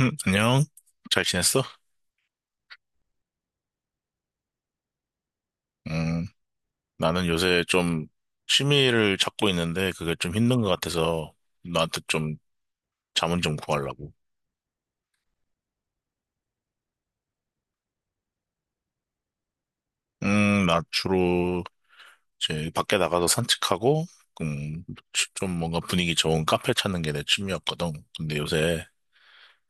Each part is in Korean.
응, 안녕. 잘 지냈어? 음, 나는 요새 좀 취미를 찾고 있는데 그게 좀 힘든 것 같아서 나한테 좀 자문 좀 구하려고. 나 주로 이제 밖에 나가서 산책하고, 음, 좀 뭔가 분위기 좋은 카페 찾는 게 내 취미였거든. 근데 요새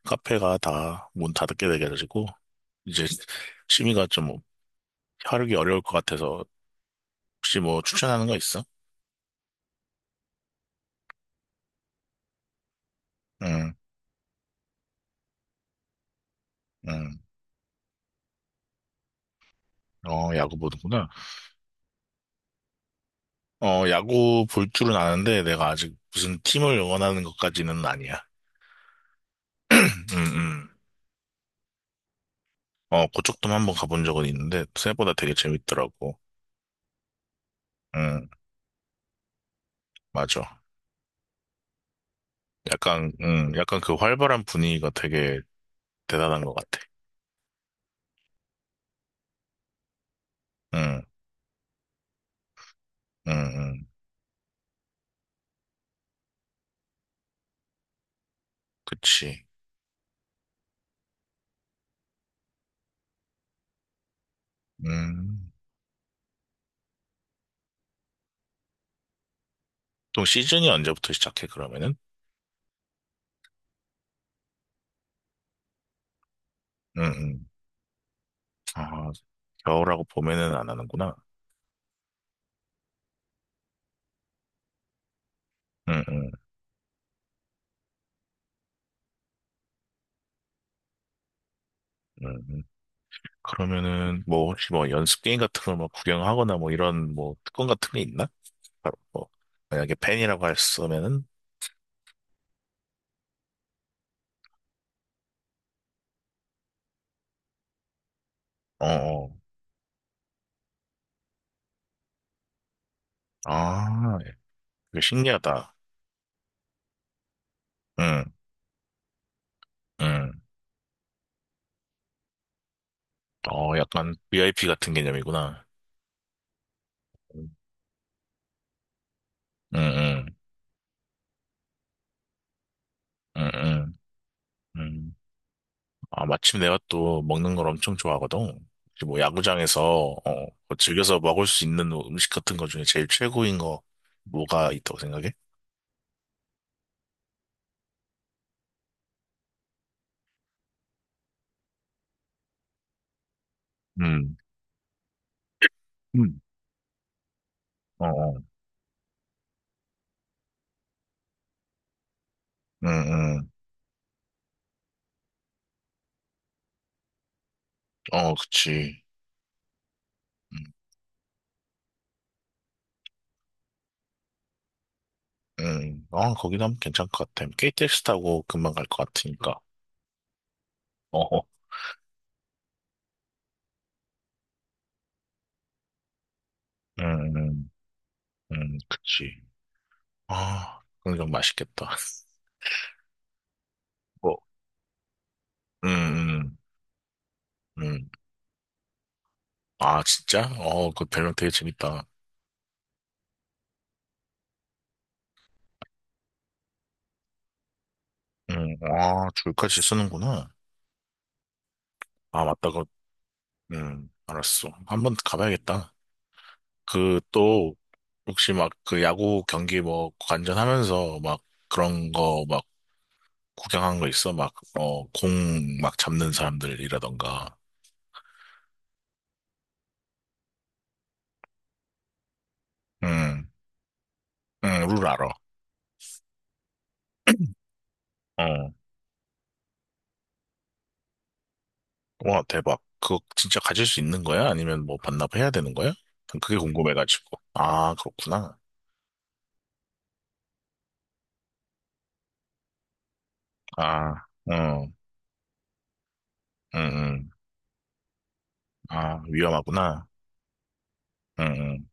카페가 다 문 닫게 돼가지고 이제 취미가 좀 하루기 어려울 것 같아서 혹시 뭐 추천하는 거 있어? 응, 응. 어, 야구 보는구나. 어, 야구 볼 줄은 아는데 내가 아직 무슨 팀을 응원하는 것까지는 아니야. 음, 음. 어, 그쪽도 한번 가본 적은 있는데 생각보다 되게 재밌더라고. 응, 맞아. 약간, 약간 그 활발한 분위기가 되게 대단한 것 같아. 응응응. 그치. 음. 또 시즌이 언제부터 시작해, 그러면은? 응응. 아, 겨울하고 봄에는 안 하는구나. 응응응. 그러면은 뭐 혹시 뭐 연습 게임 같은 걸뭐 구경하거나 뭐 이런 뭐 특권 같은 게 있나? 바로 뭐 만약에 펜이라고 했으면은. 어, 어. 아, 되게 신기하다. 응, 응. 어, 약간 VIP 같은 개념이구나. 응, 응, 응, 응, 응. 응. 아, 마침 내가 또 먹는 걸 엄청 좋아하거든. 혹시 뭐 야구장에서 어, 뭐 즐겨서 먹을 수 있는 음식 같은 것 중에 제일 최고인 거 뭐가 있다고 생각해? 응, 응, 어, 어, 응, 응, 어, 그치. 응, 응. 어, 거기도 하면 괜찮을 것 같아. KTX 타고 금방 갈 것 같으니까. 어 어. 음, 음, 그치. 아, 그건 좀 맛있겠다. 뭐, 음, 음, 음. 아, 진짜? 어, 그 별명 되게 재밌다. 아, 줄까지 쓰는구나. 아, 맞다. 그, 알았어. 한번 가봐야겠다. 그, 또, 혹시 막 그 야구 경기 뭐 관전하면서 막 그런 거 막 구경한 거 있어? 막, 어, 공 막 잡는 사람들이라던가. 음, 룰 알아. 어. 와, 대박. 그거 진짜 가질 수 있는 거야? 아니면 뭐 반납해야 되는 거야? 그게 궁금해가지고. 아, 그렇구나. 아, 응, 응, 응. 아, 위험하구나. 응,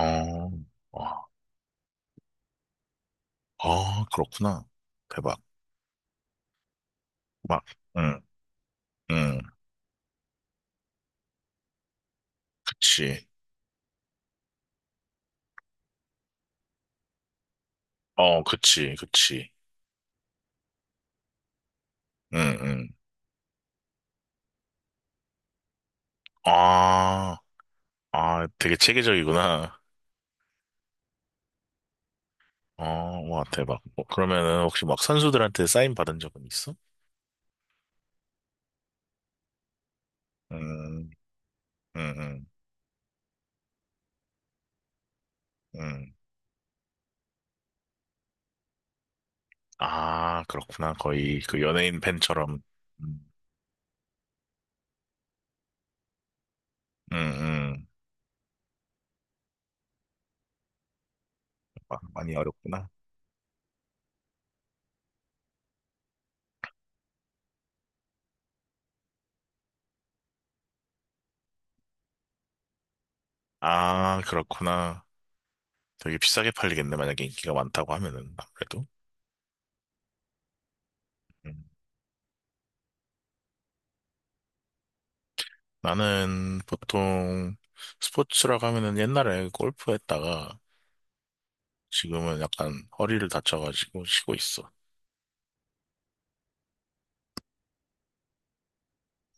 응. 어, 와, 아, 그렇구나. 대박. 막, 응, 응. 그치. 어, 그치, 그치. 응, 응. 아, 아, 되게 체계적이구나. 어, 와, 대박. 뭐, 그러면은 혹시 막 선수들한테 사인 받은 적은 있어? 음, 응, 응, 응. 아, 그렇구나. 거의 그 연예인 팬처럼. 음, 음, 음. 많이 어렵구나. 아, 그렇구나. 되게 비싸게 팔리겠네. 만약에 인기가 많다고 하면은, 아무래도. 음. 나는 보통 스포츠라고 하면은 옛날에 골프 했다가 지금은 약간 허리를 다쳐가지고 쉬고 있어.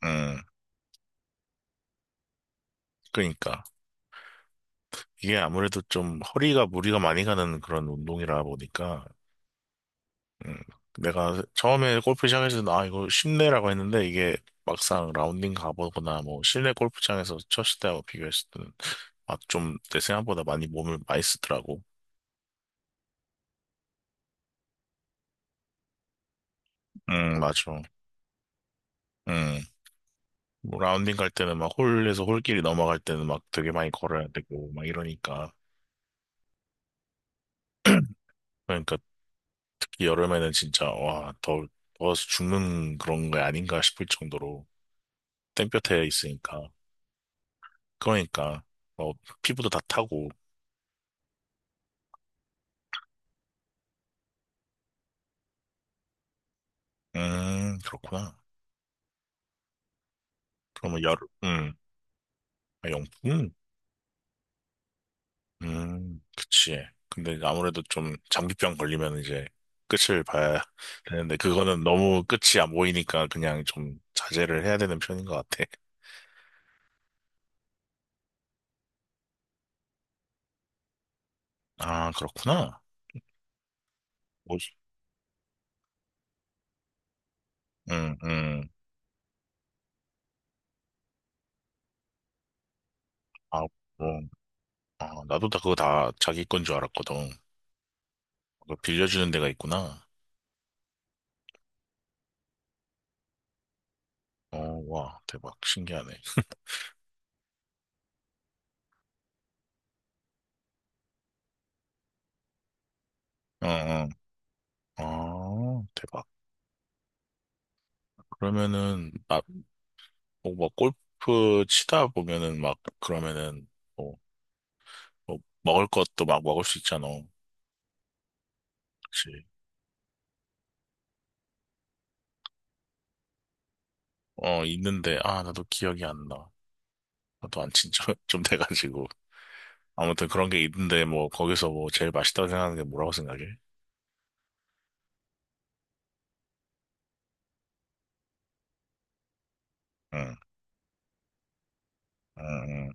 음, 그러니까. 이게 아무래도 좀 허리가 무리가 많이 가는 그런 운동이라 보니까 음, 내가 처음에 골프 시작했을 때, 아, 이거 쉽네라고 했는데, 이게 막상 라운딩 가보거나, 뭐, 실내 골프장에서 쳤을 때하고 비교했을 때는, 아, 좀, 내 생각보다 많이 몸을 많이 쓰더라고. 맞아. 음, 뭐 라운딩 갈 때는 막 홀에서 홀길이 넘어갈 때는 막 되게 많이 걸어야 되고, 막 이러니까. 그러니까 특히 여름에는 진짜, 와, 더, 더워서 죽는 그런 게 아닌가 싶을 정도로 땡볕에 있으니까. 그러니까, 어, 피부도 다 타고. 그렇구나. 그러면 열, 음, 아, 용품? 그치. 근데 이제 아무래도 좀 장기병 걸리면 이제 끝을 봐야 되는데, 그거는 너무 끝이 안 보이니까 그냥 좀 자제를 해야 되는 편인 것 같아. 아, 그렇구나. 뭐지? 응, 응. 아, 뭐, 아, 나도 다 그거 다 자기 건 줄 알았거든. 그거 빌려주는 데가 있구나. 어, 와, 대박. 신기하네. 어, 어. 아, 대박. 그러면은, 아, 뭐, 뭐 골프 치다 보면은 막, 그러면은, 뭐 뭐 먹을 것도 막 먹을 수 있잖아. 그치? 어, 있는데, 아, 나도 기억이 안 나. 나도 안 친지 좀 돼가지고. 아무튼 그런 게 있는데, 뭐, 거기서 뭐, 제일 맛있다고 생각하는 게 뭐라고 생각해? 응, 응, 응.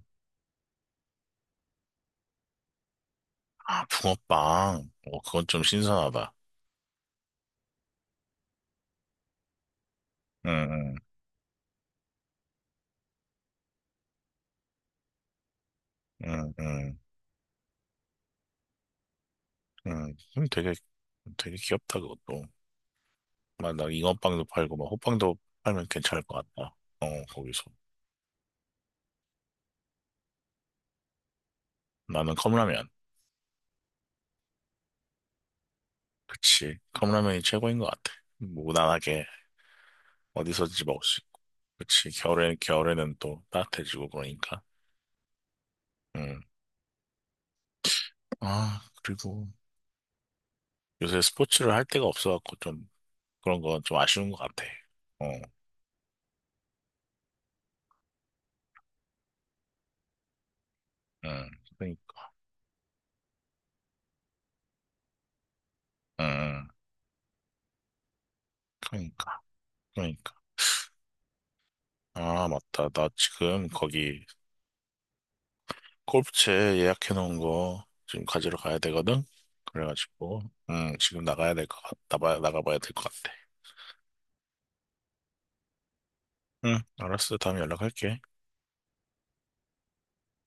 아, 붕어빵. 어, 그건 좀 신선하다. 응, 응, 응, 응, 응. 그럼 되게, 되게 귀엽다, 그것도. 막, 나 잉어빵도 팔고, 막, 호빵도 팔면 괜찮을 것 같다. 어, 거기서. 나는 컵라면. 그치. 컵라면이 최고인 것 같아. 무난하게. 어디서든지 먹을 수 있고. 그치. 겨울에는 또 따뜻해지고 그러니까. 음. 아, 그리고 요새 스포츠를 할 데가 없어갖고 좀 그런 건 좀 아쉬운 것 같아. 어, 음, 그러니까. 음, 음. 그러니까. 그러니까. 아, 맞다. 나 지금 거기 골프채 예약해놓은 거 지금 가지러 가야 되거든? 그래가지고, 지금 나가야 될 것 같, 나가, 나가봐야 될 것 같아. 응, 알았어. 다음에 연락할게.